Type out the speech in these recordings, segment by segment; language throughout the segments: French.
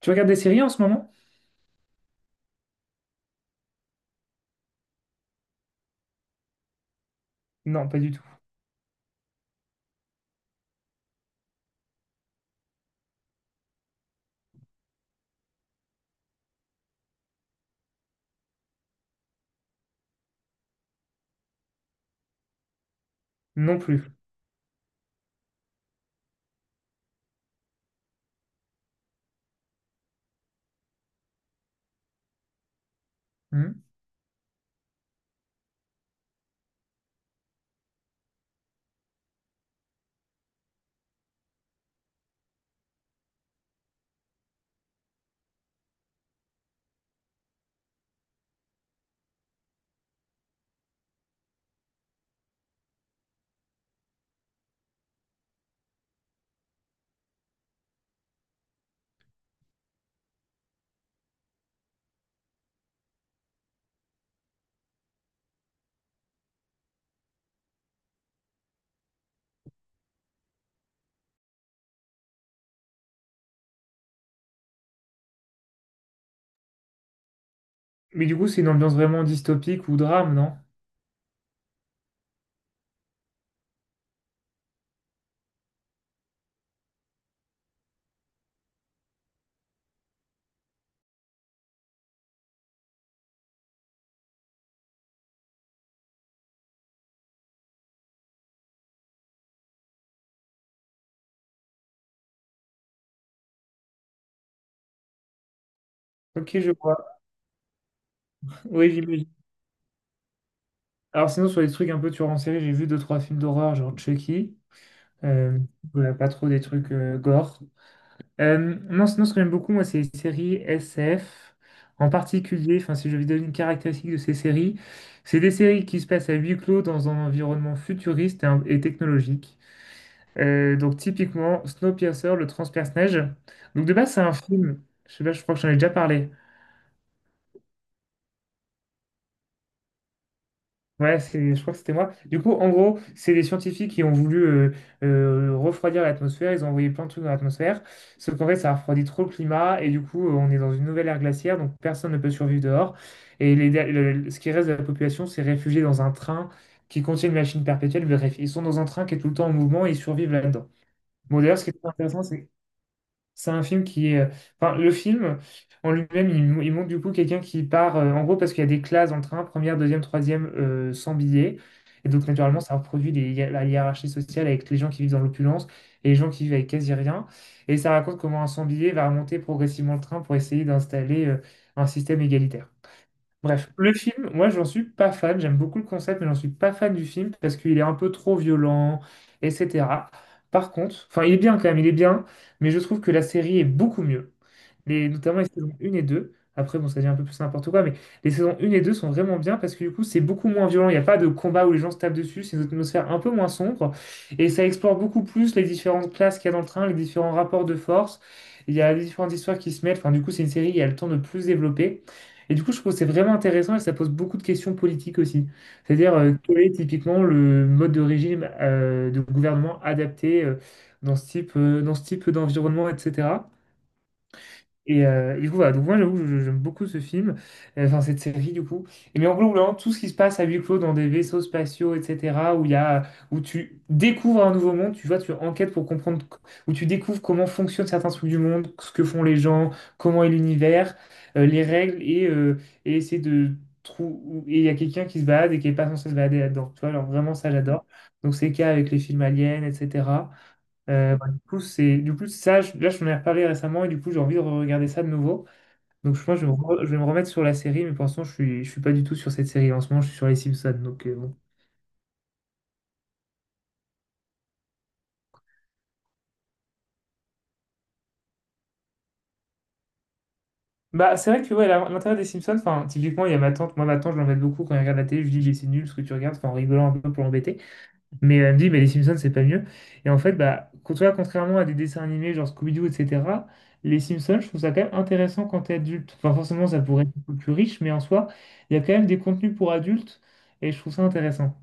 Tu regardes des séries en ce moment? Non, pas du tout. Non plus. Hmm. Mais du coup, c'est une ambiance vraiment dystopique ou drame, non? Ok, je vois. Oui, j'imagine. Alors sinon, sur les trucs un peu tueurs en série, j'ai vu deux, trois films d'horreur, genre Chucky. Euh, voilà, pas trop des trucs gore. Non, sinon, ce que j'aime beaucoup, moi, c'est les séries SF. En particulier, enfin, si je vais donner une caractéristique de ces séries, c'est des séries qui se passent à huis clos dans un environnement futuriste et technologique. Donc typiquement Snowpiercer, le transperce-neige. Donc de base c'est un film, je sais pas, je crois que j'en ai déjà parlé. Ouais, c'est, je crois que c'était moi. Du coup, en gros, c'est des scientifiques qui ont voulu refroidir l'atmosphère. Ils ont envoyé plein de trucs dans l'atmosphère. Sauf qu'en fait, ça refroidit trop le climat. Et du coup, on est dans une nouvelle ère glaciaire. Donc, personne ne peut survivre dehors. Et ce qui reste de la population s'est réfugié dans un train qui contient une machine perpétuelle. Bref, ils sont dans un train qui est tout le temps en mouvement et ils survivent là-dedans. Bon, d'ailleurs, ce qui est très intéressant, c'est un film qui est... Enfin, le film en lui-même, il montre du coup quelqu'un qui part, en gros, parce qu'il y a des classes dans le train, première, deuxième, troisième, sans billets. Et donc, naturellement, ça reproduit la hiérarchie sociale avec les gens qui vivent dans l'opulence et les gens qui vivent avec quasi rien. Et ça raconte comment un sans billet va remonter progressivement le train pour essayer d'installer, un système égalitaire. Bref, le film, moi j'en suis pas fan, j'aime beaucoup le concept, mais j'en suis pas fan du film parce qu'il est un peu trop violent, etc. Par contre, enfin il est bien quand même, il est bien, mais je trouve que la série est beaucoup mieux. Les, notamment les saisons 1 et 2. Après, bon, ça devient un peu plus n'importe quoi, mais les saisons 1 et 2 sont vraiment bien parce que du coup, c'est beaucoup moins violent. Il n'y a pas de combat où les gens se tapent dessus. C'est une atmosphère un peu moins sombre. Et ça explore beaucoup plus les différentes classes qu'il y a dans le train, les différents rapports de force. Il y a les différentes histoires qui se mêlent. Enfin, du coup, c'est une série qui a le temps de plus développer. Et du coup, je trouve que c'est vraiment intéressant et ça pose beaucoup de questions politiques aussi. C'est-à-dire, quel est typiquement le mode de régime de gouvernement adapté dans dans ce type d'environnement, etc. Et et du coup, voilà. Donc, moi, j'avoue, j'aime beaucoup ce film, enfin, cette série, du coup. Et mais en gros, vraiment, tout ce qui se passe à huis clos dans des vaisseaux spatiaux, etc., où il y a, où tu découvres un nouveau monde, tu vois, tu enquêtes pour comprendre, où tu découvres comment fonctionnent certains trucs du monde, ce que font les gens, comment est l'univers, les règles, et et essayer de trouver. Et il y a quelqu'un qui se balade et qui n'est pas censé se balader là-dedans. Tu vois, alors vraiment, ça, j'adore. Donc, c'est le cas avec les films aliens, etc. Du coup, ça, là, je m'en ai reparlé récemment et du coup, j'ai envie de regarder ça de nouveau. Donc, je pense que je vais me remettre sur la série, mais pour l'instant, je suis pas du tout sur cette série. En ce moment, je suis sur les Simpsons. Donc, bon. Bah, c'est vrai que ouais, l'intérêt des Simpsons, enfin, typiquement, il y a ma tante. Moi, ma tante, je l'embête beaucoup quand elle regarde la télé. Je lui dis, mais c'est nul ce que tu regardes, enfin, en rigolant un peu pour l'embêter. Mais elle me dit, mais les Simpsons, c'est pas mieux. Et en fait, tu vois, contrairement à des dessins animés genre Scooby-Doo, etc., les Simpsons, je trouve ça quand même intéressant quand t'es adulte. Enfin, forcément, ça pourrait être un peu plus riche, mais en soi, il y a quand même des contenus pour adultes et je trouve ça intéressant.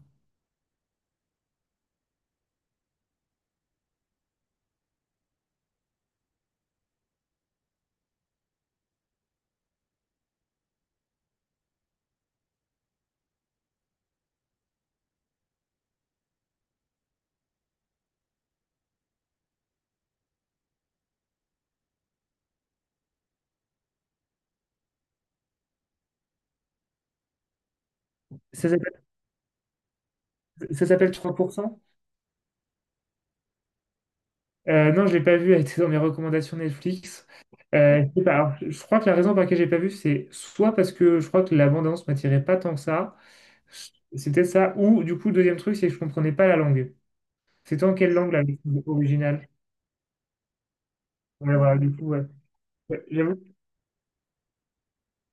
Ça s'appelle ça s'appelle 3%? Non, je l'ai pas vu, elle était dans mes recommandations Netflix. Je sais pas. Alors, je crois que la raison pour laquelle j'ai pas vu, c'est soit parce que je crois que la bande-annonce m'attirait pas tant que ça, c'était ça, ou du coup, le deuxième truc, c'est que je comprenais pas la langue. C'était en quelle langue la version originale? Ouais, voilà, du coup, ouais. Ouais, j'avoue.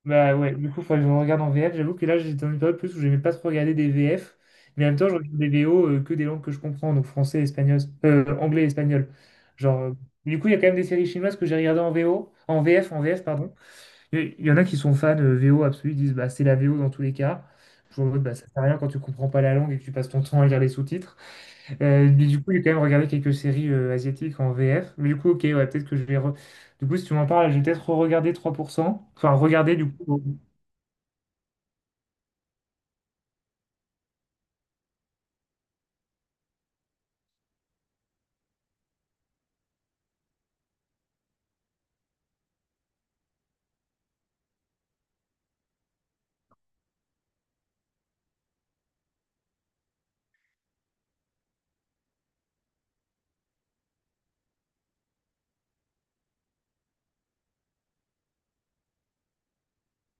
Bah ouais, du coup, faudrait que je regarde en VF. J'avoue que là, j'étais dans une période plus où j'aimais pas trop regarder des VF, mais en même temps, je regarde des VO que des langues que je comprends, donc français, espagnol, anglais, espagnol. Genre, euh, du coup, il y a quand même des séries chinoises que j'ai regardées en VF, pardon. Y en a qui sont fans VO absolus, ils disent, bah c'est la VO dans tous les cas. Je suis en mode, bah ça sert à rien quand tu comprends pas la langue et que tu passes ton temps à lire les sous-titres. Mais du coup, j'ai quand même regardé quelques séries asiatiques en VF. Mais du coup, ok, ouais, peut-être que du coup, si tu m'en parles, je vais peut-être regarder 3% Enfin, regarder du coup.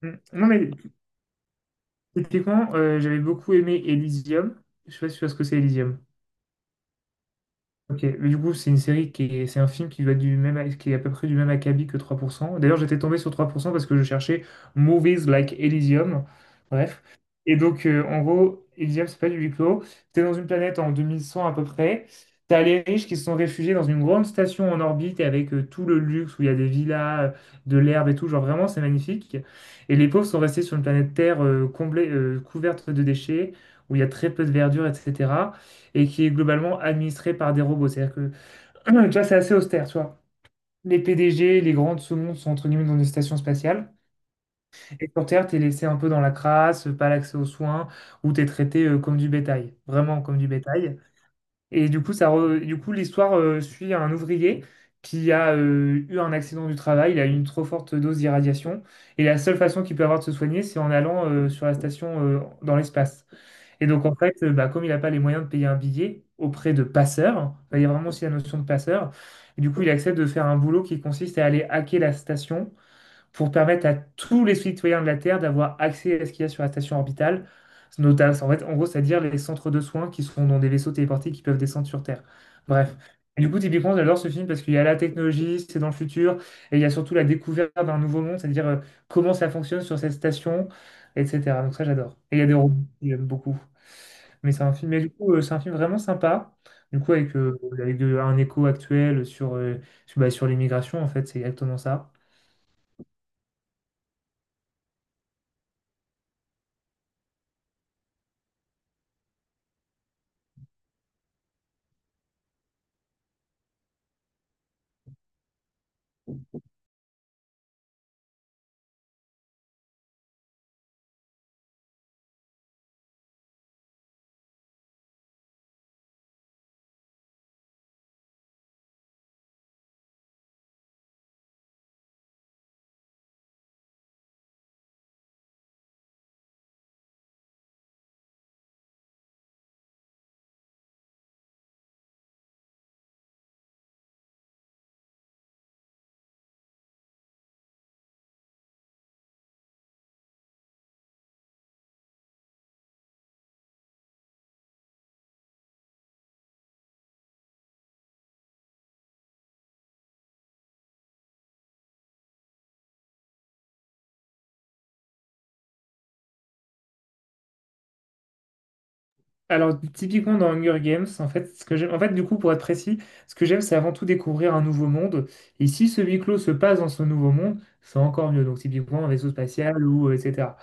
Non, mais typiquement, j'avais beaucoup aimé Elysium. Je sais pas si tu vois ce que c'est Elysium. Ok, mais du coup, c'est une série qui est, c'est un film qui va du même, qui est à peu près du même acabit que 3%. D'ailleurs, j'étais tombé sur 3% parce que je cherchais Movies Like Elysium. Bref. Et donc, en gros, Elysium, c'est pas du huis clos. T'es dans une planète en 2100 à peu près. T'as les riches qui se sont réfugiés dans une grande station en orbite et avec tout le luxe où il y a des villas, de l'herbe et tout. Genre, vraiment, c'est magnifique. Et les pauvres sont restés sur une planète Terre couverte de déchets, où il y a très peu de verdure, etc et qui est globalement administré par des robots. C'est-à-dire que, tu vois, c'est assez austère, tu vois. Les PDG, les grands de ce monde sont entre guillemets dans des stations spatiales. Et sur Terre, t'es laissé un peu dans la crasse, pas l'accès aux soins, où t'es traité comme du bétail, vraiment comme du bétail. Et du coup, l'histoire suit un ouvrier qui a eu un accident du travail, il a eu une trop forte dose d'irradiation. Et la seule façon qu'il peut avoir de se soigner, c'est en allant sur la station dans l'espace. Et donc, en fait, comme il n'a pas les moyens de payer un billet auprès de passeurs, bah, il y a vraiment aussi la notion de passeur, et du coup, il accepte de faire un boulot qui consiste à aller hacker la station pour permettre à tous les citoyens de la Terre d'avoir accès à ce qu'il y a sur la station orbitale. Notamment, en fait, en gros, c'est-à-dire les centres de soins qui sont dans des vaisseaux téléportés qui peuvent descendre sur Terre. Bref. Et du coup, typiquement, j'adore ce film parce qu'il y a la technologie, c'est dans le futur, et il y a surtout la découverte d'un nouveau monde, c'est-à-dire comment ça fonctionne sur cette station, etc. Donc ça, j'adore. Et il y a des robots que j'aime beaucoup. Mais c'est un film vraiment sympa. Du coup, avec un écho actuel sur, sur l'immigration, en fait, c'est exactement ça. Alors, typiquement dans Hunger Games, en fait, du coup, pour être précis, ce que j'aime, c'est avant tout découvrir un nouveau monde. Et si ce huis clos se passe dans ce nouveau monde, c'est encore mieux. Donc, typiquement, un vaisseau spatial ou etc.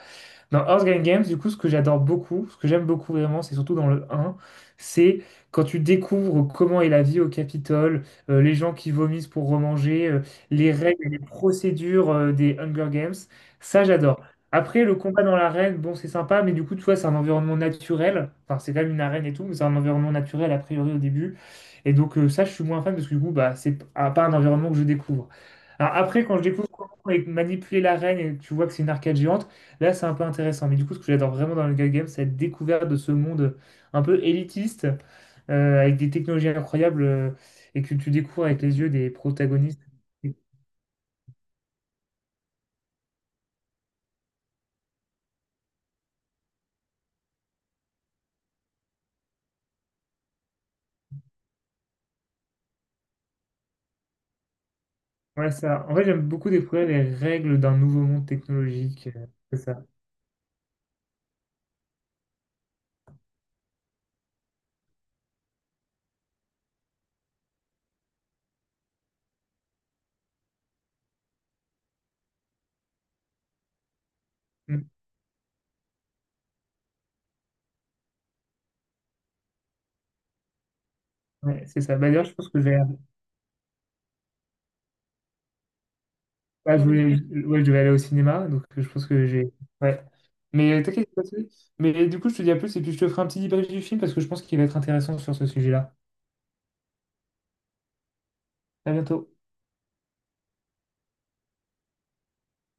Dans Earthgang Games, du coup, ce que j'aime beaucoup vraiment, c'est surtout dans le un, c'est quand tu découvres comment est la vie au Capitole, les gens qui vomissent pour remanger, les règles et les procédures des Hunger Games. Ça, j'adore. Après, le combat dans l'arène, bon, c'est sympa, mais du coup, tu vois, c'est un environnement naturel. Enfin, c'est quand même une arène et tout, mais c'est un environnement naturel, a priori, au début. Et donc, ça, je suis moins fan parce que du coup, pas un environnement que je découvre. Alors, après, quand je découvre comment manipuler l'arène et que tu vois que c'est une arcade géante, là, c'est un peu intéressant. Mais du coup, ce que j'adore vraiment dans le Hunger Games, c'est la découverte de ce monde un peu élitiste, avec des technologies incroyables, et que tu découvres avec les yeux des protagonistes. Et- Ouais, ça. En fait, j'aime beaucoup découvrir les règles d'un nouveau monde technologique. C'est ça. Mm. Ouais, c'est ça. Bah, d'ailleurs, je pense que je vais... ah, ouais, je vais aller au cinéma, donc je pense que j'ai... Ouais. Mais t'inquiète, c'est pas de souci. Mais du coup, je te dis à plus, et puis je te ferai un petit débrief du film, parce que je pense qu'il va être intéressant sur ce sujet-là. À bientôt.